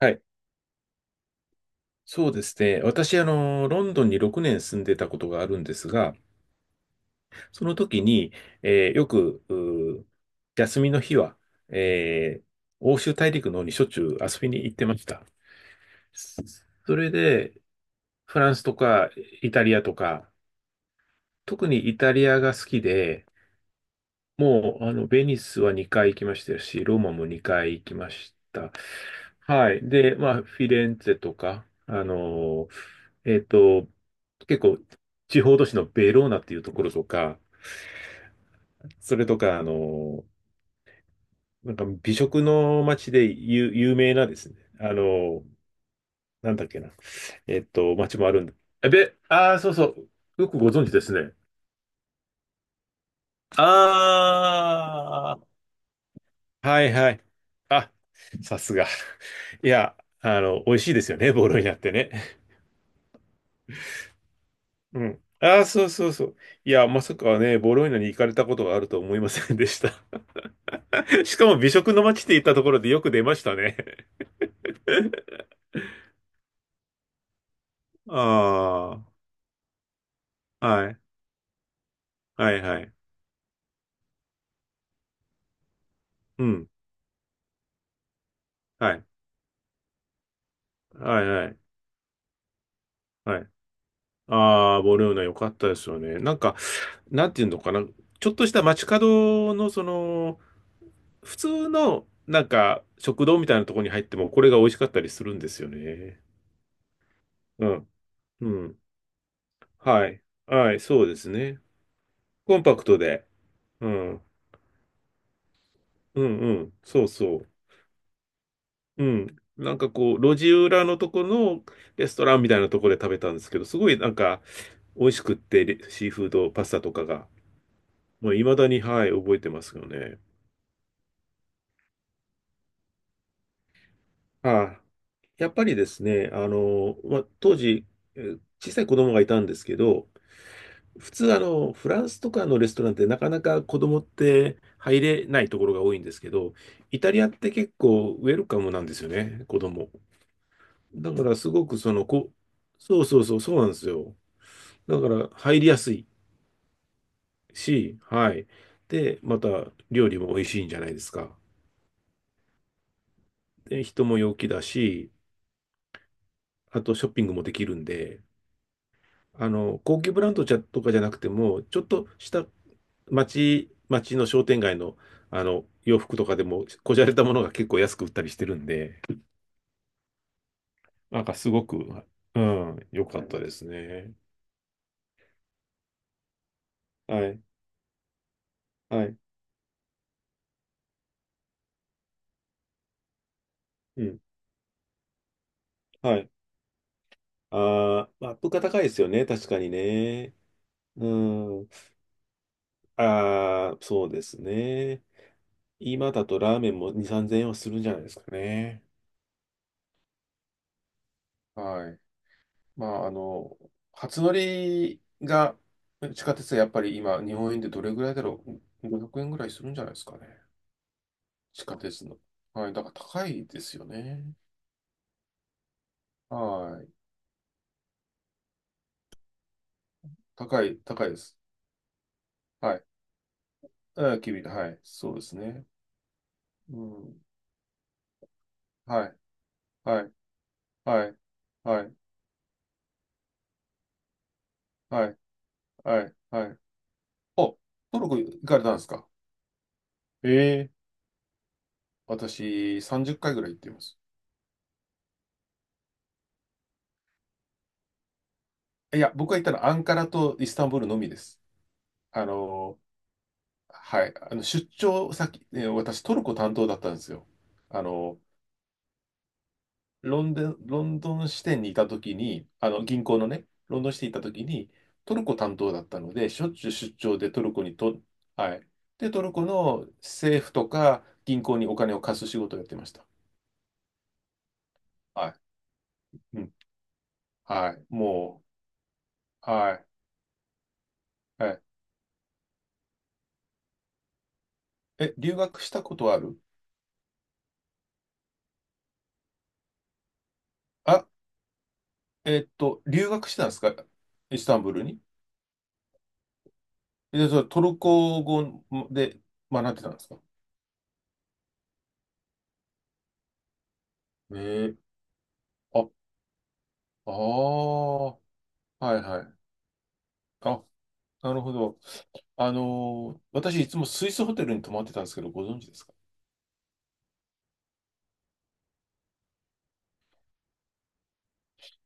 はい。そうですね。私、ロンドンに6年住んでたことがあるんですが、その時に、よく、休みの日は、えー欧州大陸の方にしょっちゅう遊びに行ってました。それで、フランスとかイタリアとか、特にイタリアが好きで、もう、ベニスは2回行きましたし、ローマも2回行きました。はい。で、まあ、フィレンツェとか、えっと、結構、地方都市のベローナっていうところとか、それとか、なんか美食の街で有名なですね、なんだっけな、街もあるんで、ああ、そうそう、よくご存知ですね。ああ、はいはい。あ、さすが。いや、美味しいですよね、ボロイナってね。うん。ああ、そうそうそう。いや、まさかね、ボロイナに行かれたことがあるとは思いませんでした。しかも美食の街って言ったところでよく出ましたね。ああ、はい、はい、はい。うん、はい、はい、はい、はい。ああ、ボロイナ良かったですよね。なんか、なんていうのかな。ちょっとした街角の、普通の、なんか、食堂みたいなところに入っても、これが美味しかったりするんですよね。うん。うん。はい。はい、そうですね。コンパクトで。うん。うんうん。そうそう。うん。なんかこう、路地裏のとこのレストランみたいなところで食べたんですけど、すごいなんか、美味しくって、レシーフード、パスタとかが。もう未だに、はい、覚えてますよね。はい。やっぱりですね、まあ、当時、小さい子供がいたんですけど、普通、フランスとかのレストランってなかなか子供って入れないところが多いんですけど、イタリアって結構ウェルカムなんですよね、子供。だからすごくそうそうそう、そうなんですよ。だから入りやすいし、はい。で、また料理も美味しいんじゃないですか。で、人も陽気だし、あとショッピングもできるんで、高級ブランドじゃとかじゃなくても、ちょっとした町の商店街の、洋服とかでも、こじゃれたものが結構安く売ったりしてるんで、なんかすごく、うん、良かったですね。はい、はい、うん、はい。あアップが高いですよね、確かにね。うん、ああ、そうですね。今だとラーメンも2、3000円はするんじゃないですかね。はい。まあ、初乗りが地下鉄はやっぱり今、日本円でどれぐらいだろう？ 500 円ぐらいするんじゃないですかね。地下鉄の。はい。だから高いですよね。はい。高いです。はい。あ、君はい。そうですね。うん。はい。はい。はい。はい。はい。はい。はい。お、トルコ行かれたんですか？ええ、私、30回ぐらい行ってます。いや、僕が行ったのはアンカラとイスタンブールのみです。あの、はい。出張先、私、トルコ担当だったんですよ。あの、ロンドン支店にいたときに、あの銀行のね、ロンドン支店にいたときに、トルコ担当だったので、しょっちゅう出張でトルコにと、はい。で、トルコの政府とか銀行にお金を貸す仕事をやってました。はい。うん。はい。もう、はい。はい。え、留学したことある？あ、留学してたんですか？イスタンブールに。え、それトルコ語で学んでたんですか？えー、あ、ああ、はいはい。あ、なるほど。私いつもスイスホテルに泊まってたんですけど、ご存知ですか？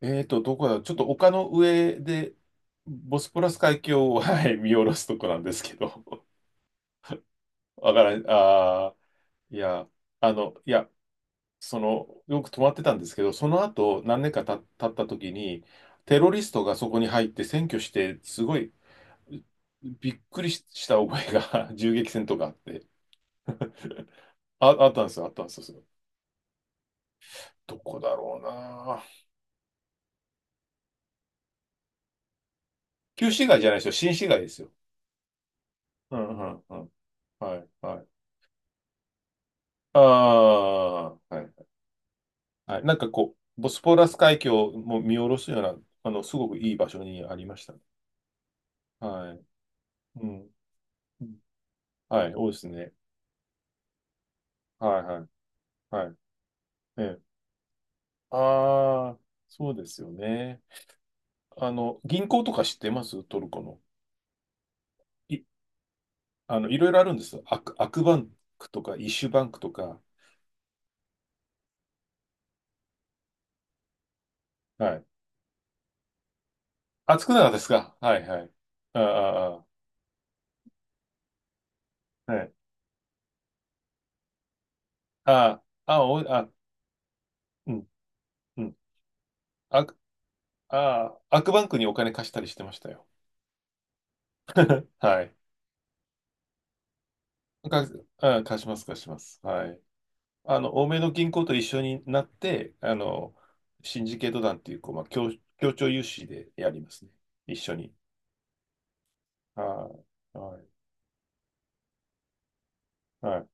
どこだちょっと丘の上で、ボスポラス海峡を、はい、見下ろすとこなんですけど。わからん、ああ、いや、いや、よく泊まってたんですけど、その後、何年か経った時に、テロリストがそこに入って占拠して、すごい、びっくりしした覚えが 銃撃戦とかあって、あ、あったんですよ、あったんですよ。どこだろうな。旧市街じゃないですよ。新市街ですよ。うんうんうん。はい、はい。ああ、はい。はい。なんかこう、ボスポラス海峡も見下ろすような、すごくいい場所にありましたね。はい。うん。うん、はい、多いですね。はい、はい、はい。ええ。ああ、そうですよね。銀行とか知ってますトルコの。い、いろいろあるんですよ。アクバンクとか、イッシュバンクとか。はい。あ、少なかったですか？はい、はい。ああ、ああ、はい。ああ、あ、おい、あ、うん、うん。あ、アクバンクにお金貸したりしてましたよ。はい。か、うん、貸します、貸します。はい。欧米の銀行と一緒になって、シンジケート団っていう、こう、まあ、協調融資でやりますね。一緒に。はい。はい。はい。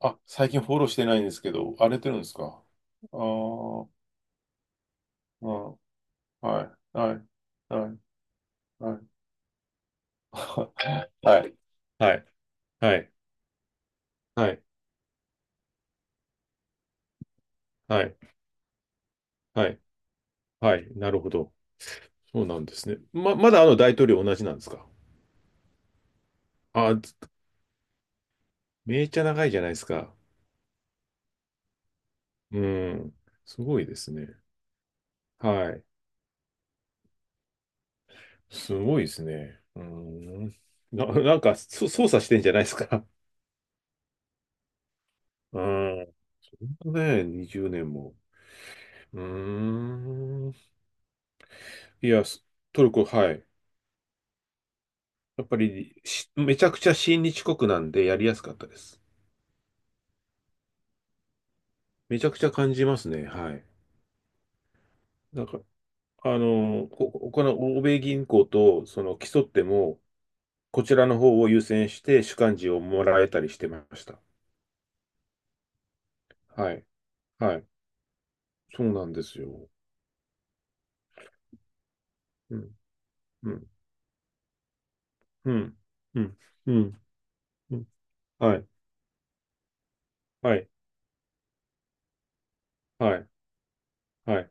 あ、最近フォローしてないんですけど、荒れてるんですか？ああー、うん。はい。はい。はい。はい。はい。はい。はい。はい。はい。はい。はい、なるほど。そうなんですね。まだあの大統領同じなんですか？あ、めっちゃ長いじゃないですか。うん。すごいですね。はい。すごいですね。うん。なんか、操作してんじゃないですか。うん。そんなね、20年も。うーん。いや、トルコ、はい。やっぱりめちゃくちゃ親日国なんでやりやすかったです。めちゃくちゃ感じますね。はい。なんか、この欧米銀行とその競っても、こちらの方を優先して主幹事をもらえたりしてました。はい。はい。そうなんですよ。うん。うん。うん。うん。うん。うん、はい。はい。はい。はい。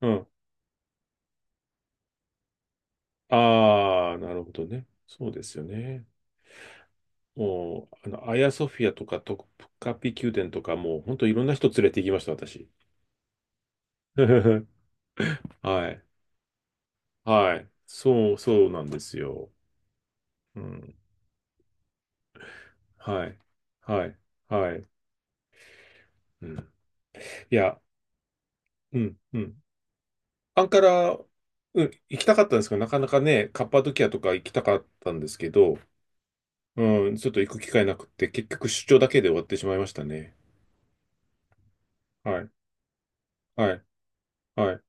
うん。ああ、なるほどね。そうですよね。もう、アヤソフィアとかトカピ宮殿とか、もう本当いろんな人連れて行きました、私。はい。はい。そう、そうなんですよ。うん。はい。はい。はい。うん。いや、うん。うん。アンカラ、うん、行きたかったんですけど、なかなかね、カッパドキアとか行きたかったんですけど、うん、ちょっと行く機会なくて、結局出張だけで終わってしまいましたね。はい、はい、はい。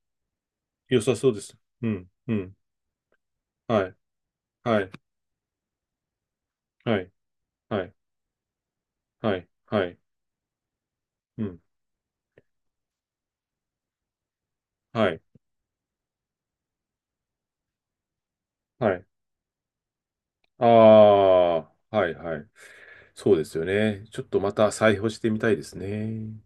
良さそうです。うん、うん、はい、はい、はい、はい、はい、はい、うん、はい、はい。ああ、はい、はい。そうですよね。ちょっとまた再訪してみたいですね。